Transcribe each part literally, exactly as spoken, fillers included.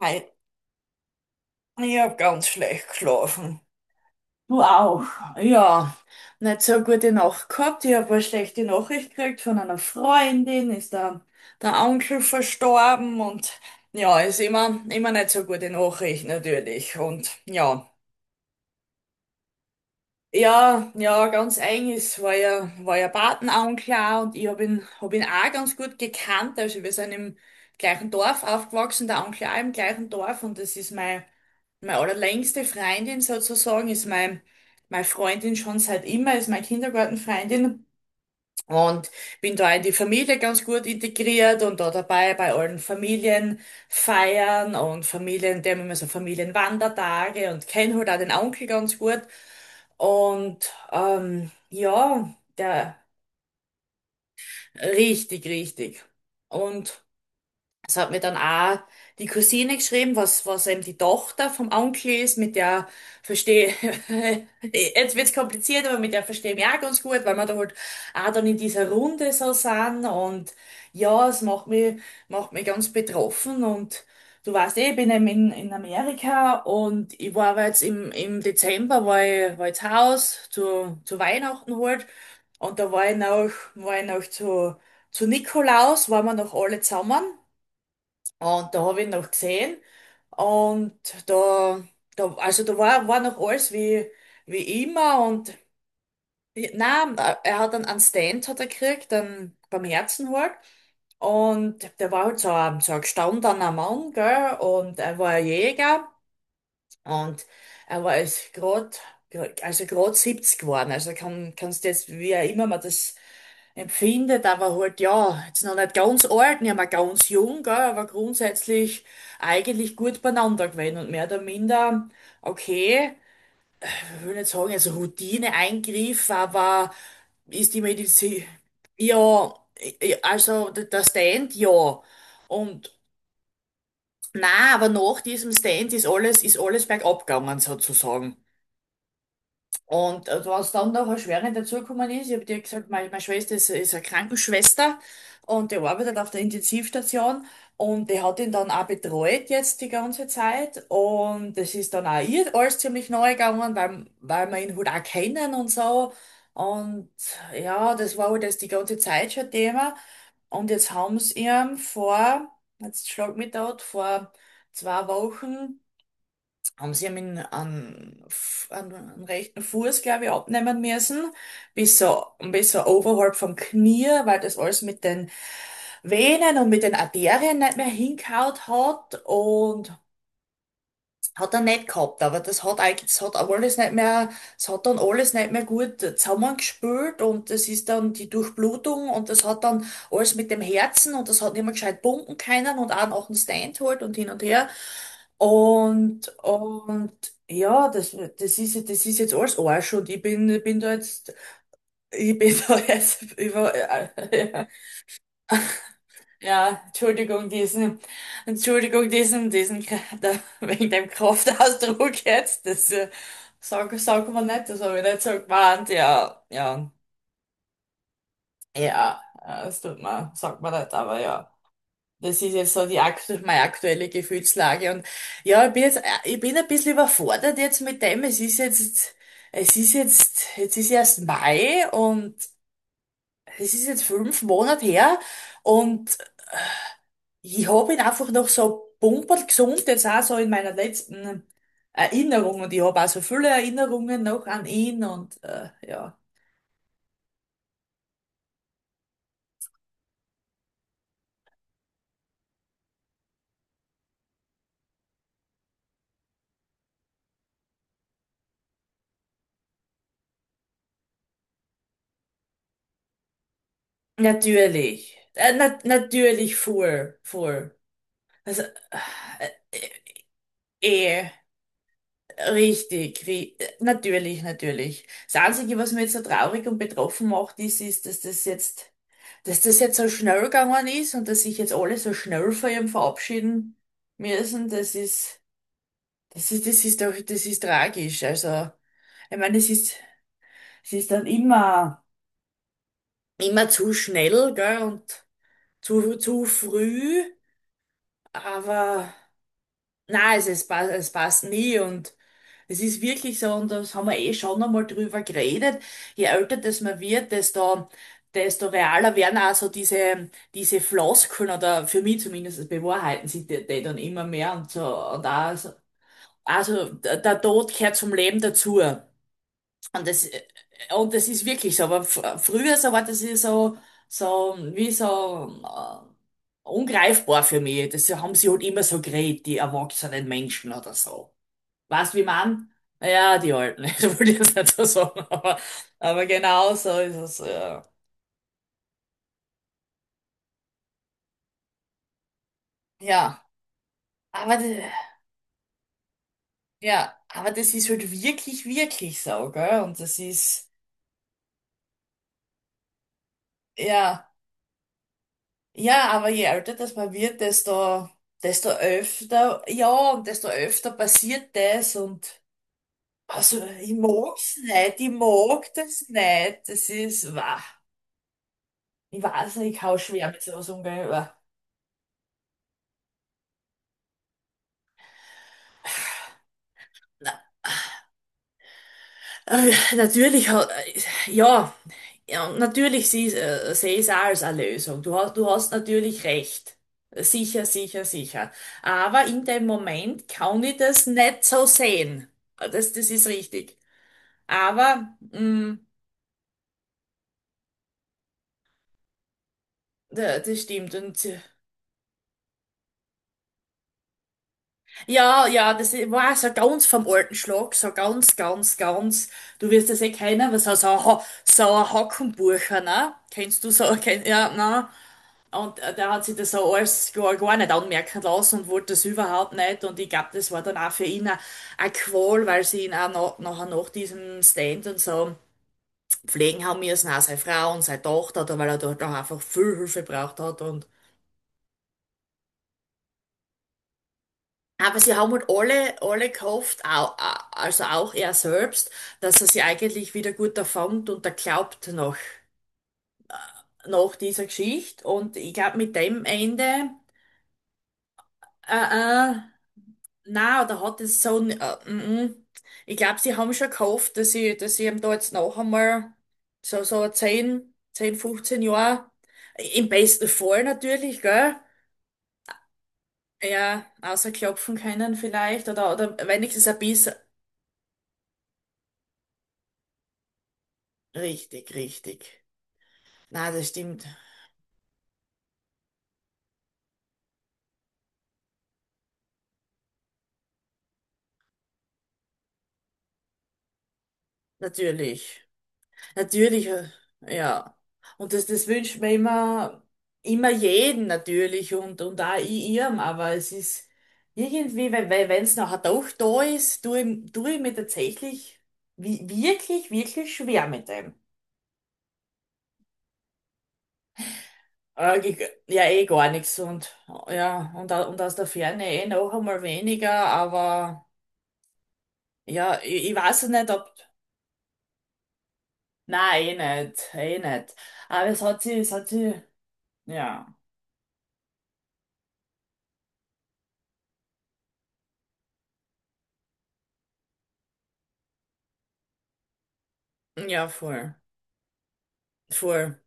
Hi. Ich habe ganz schlecht geschlafen. Du auch. Ja, nicht so eine gute Nacht gehabt. Ich habe eine schlechte Nachricht gekriegt von einer Freundin, ist der, der Onkel verstorben und ja, ist immer, immer nicht so gute Nachricht natürlich. Und ja. Ja, ja, ganz eigenes war ja, war ja Patenonkel und ich hab ihn, hab ihn auch ganz gut gekannt. Also wir sind im gleichen Dorf aufgewachsen, der Onkel auch im gleichen Dorf und das ist mein, meine allerlängste Freundin sozusagen, ist mein, meine Freundin schon seit immer, ist meine Kindergartenfreundin. Und bin da in die Familie ganz gut integriert und da dabei bei allen Familienfeiern und Familien, die haben immer so Familienwandertage und kenne halt auch den Onkel ganz gut. Und ähm, ja, der richtig, richtig. Und es hat mir dann auch die Cousine geschrieben, was, was eben die Tochter vom Onkel ist, mit der verstehe, jetzt wird's kompliziert, aber mit der verstehe ich mich auch ganz gut, weil wir da halt auch dann in dieser Runde so sind und ja, es macht mich, macht mich ganz betroffen und du weißt eh, ich bin eben in, in Amerika und ich war aber jetzt im, im Dezember, war ich, war ich zu Hause, zu, zu Weihnachten halt und da war ich noch, war ich noch zu, zu Nikolaus, waren wir noch alle zusammen. Und da habe ich ihn noch gesehen und da, da also da war, war noch alles wie, wie immer und nein, äh, er hat einen, einen Stand hat er gekriegt, einen, beim Herzen halt. Und der war halt so ein, so ein gestandener Mann, gell, und er war ein Jäger. Und er war jetzt grad, also grad siebzig geworden. Also kann, kannst du jetzt, wie auch immer man das empfindet, aber halt, ja, jetzt noch nicht ganz alt, nicht mehr ganz jung, gell, aber grundsätzlich eigentlich gut beieinander gewesen und mehr oder minder, okay, ich will nicht sagen, also Routineeingriff, aber ist die Medizin, ja, ja, also d- der Stand, ja. Und, na, aber nach diesem Stand ist alles, ist alles bergab gegangen, sozusagen. Und äh, was dann noch erschwerend dazugekommen ist, ich habe dir gesagt, meine, meine Schwester ist, ist eine Krankenschwester und die arbeitet auf der Intensivstation und die hat ihn dann auch betreut jetzt die ganze Zeit und das ist dann auch ihr alles ziemlich neu gegangen, weil, weil wir ihn halt auch kennen und so. Und ja, das war halt das die ganze Zeit schon Thema. Und jetzt haben sie ihm vor, jetzt schlag mich dort, vor zwei Wochen haben sie ihm an, an, rechten Fuß, glaube ich, abnehmen müssen, bis so, bis so oberhalb vom Knie, weil das alles mit den Venen und mit den Arterien nicht mehr hingehaut hat und hat er nicht gehabt, aber das hat eigentlich, das hat alles nicht mehr, es hat dann alles nicht mehr gut zusammengespült und das ist dann die Durchblutung und das hat dann alles mit dem Herzen und das hat nicht mehr gescheit pumpen können und auch nach dem Stand halt und hin und her. Und, und ja, das, das ist, das ist jetzt alles Arsch und ich bin, ich bin da jetzt, ich bin da jetzt über, Ja, Entschuldigung, diesen, Entschuldigung, diesen, diesen, K- da, wegen dem Kraftausdruck jetzt, das, äh, sag, sag man nicht, das habe ich nicht so gemeint, ja, ja, ja, äh, das tut man, sagt man nicht, aber ja, das ist jetzt so die, aktu- meine aktuelle Gefühlslage und ja, ich bin jetzt, äh, ich bin ein bisschen überfordert jetzt mit dem, es ist jetzt, es ist jetzt, jetzt ist erst Mai und es ist jetzt fünf Monate her, und Ich habe ihn einfach noch so bumperl gesund, jetzt auch so in meiner letzten Erinnerung. Und ich habe auch so viele Erinnerungen noch an ihn und äh, ja. Natürlich. Äh, na natürlich voll, voll. Also, äh, eh, richtig, ri äh, natürlich, natürlich. Das Einzige, was mich jetzt so traurig und betroffen macht, ist, ist, dass das jetzt, dass das jetzt so schnell gegangen ist und dass sich jetzt alle so schnell von ihm verabschieden müssen. Das ist. Das ist, das ist doch, das ist tragisch. Also, ich meine, es ist, es ist dann immer, immer zu schnell, gell, und zu, zu früh, aber nein, es, es passt, es passt nie und es ist wirklich so, und das haben wir eh schon einmal drüber geredet. Je älter das man wird, desto, desto realer werden auch so diese, diese Floskeln oder für mich zumindest bewahrheiten sich die, die dann immer mehr und so, und auch, so- also, der der Tod gehört zum Leben dazu. Und das, äh, und das ist wirklich so. Aber fr- früher so war das ja so, so wie so äh, ungreifbar für mich. Das haben sie halt immer so geredet, die erwachsenen Menschen oder so. Weißt du, wie man? Ja, die Alten. Ich wollte ich jetzt nicht so sagen, aber, aber, genau so ist es. Ja, ja, aber, d- ja, aber das ist halt wirklich, wirklich so, gell? Und das ist, ja. Ja, aber je älter das man wird, desto, desto öfter, ja, und desto öfter passiert das und also ich mag's nicht, ich mag das nicht. Das ist, wah. Ich weiß nicht, ich kann schwer mit sowas umgehen. aber- Na, äh, natürlich hat, äh, ja, ja, und natürlich sie- äh, sehe ich es auch als eine Lösung. Du hast, du hast natürlich recht. Sicher, sicher, sicher. Aber in dem Moment kann ich das nicht so sehen. Das, das ist richtig. Aber, mh, da- das stimmt. Und äh, ja, ja, das i- war so ganz vom alten Schlag, so ganz, ganz, ganz. Du wirst das eh kennen, was so, so, ein Ho- so ein Hackenburcher, ne? Kennst du so, kenn, ja, ne? Und äh, der hat sich das so alles gar, gar nicht anmerken lassen und wollte das überhaupt nicht. Und ich glaube, das war dann auch für ihn eine Qual, weil sie ihn auch nach, nachher nach diesem Stand und so pflegen haben müssen, auch seine Frau und seine Tochter, da, weil er dort auch einfach viel Hilfe braucht hat. Und Aber sie haben halt alle, alle gehofft, au- a- also auch er selbst, dass er sie eigentlich wieder gut erfängt und er glaubt noch, nach dieser Geschichte. Und ich glaube, mit dem Ende, äh, äh, na, oder hat es so, n- äh, mm, mm. Ich glaube, sie haben schon gehofft, dass sie, dass sie, ihm da jetzt noch einmal so, so zehn, zehn, fünfzehn Jahre, im besten Fall natürlich, gell? Ja, außer klopfen können vielleicht, oder, oder wenigstens ein bisschen. Richtig, richtig. Na, das stimmt. Natürlich. Natürlich, äh, ja. Und das, das wünscht man immer, immer jeden natürlich und, und auch i- ihrem, aber es ist irgendwie, weil weil wenn es nachher doch da ist, tue ich, tue ich mir tatsächlich wi- wirklich, wirklich schwer mit dem. Äh, ge- Ja, eh gar nichts und ja, und, au- und aus der Ferne eh noch einmal weniger, aber ja, ich, ich weiß nicht, ob. Nein, eh nicht, eh nicht. Aber es hat sie, es hat sie, ja. Ja, voll. Voll.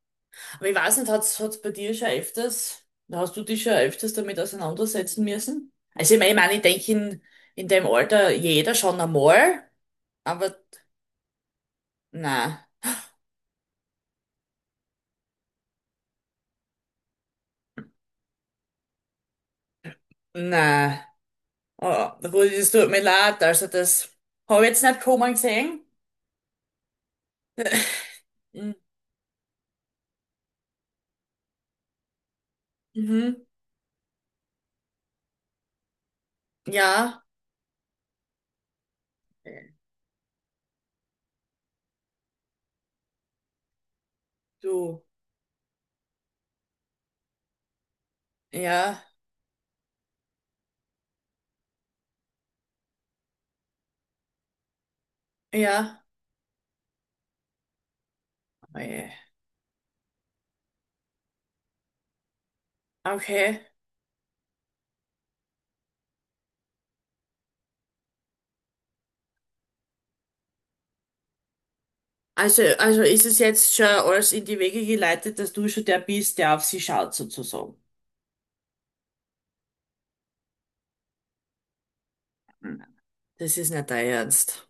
Aber ich weiß nicht, hat's, hat's bei dir schon öfters, hast du dich schon öfters damit auseinandersetzen müssen? Also ich meine, ich, mein, ich denke in, in dem Alter jeder schon einmal, aber na, na. Oh, gut, es tut mir leid. Also das habe ich jetzt nicht kommen gesehen. Mhm. Mhm. Ja. Du. Ja. Ja. Oje. Okay. Also, also ist es jetzt schon alles in die Wege geleitet, dass du schon der bist, der auf sie schaut, sozusagen. Mhm. Das ist nicht dein Ernst.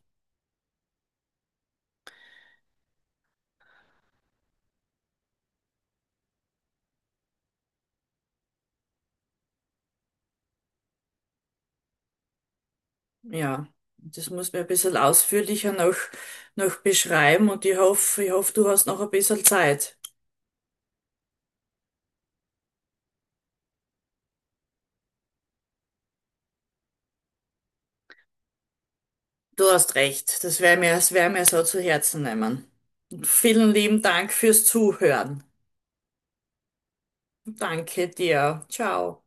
Ja, das muss mir ein bisschen ausführlicher noch, noch beschreiben und ich hoffe, ich hoffe, du hast noch ein bisschen Zeit. Du hast recht, das wäre mir, das wär mir so zu Herzen nehmen. Und vielen lieben Dank fürs Zuhören. Danke dir. Ciao.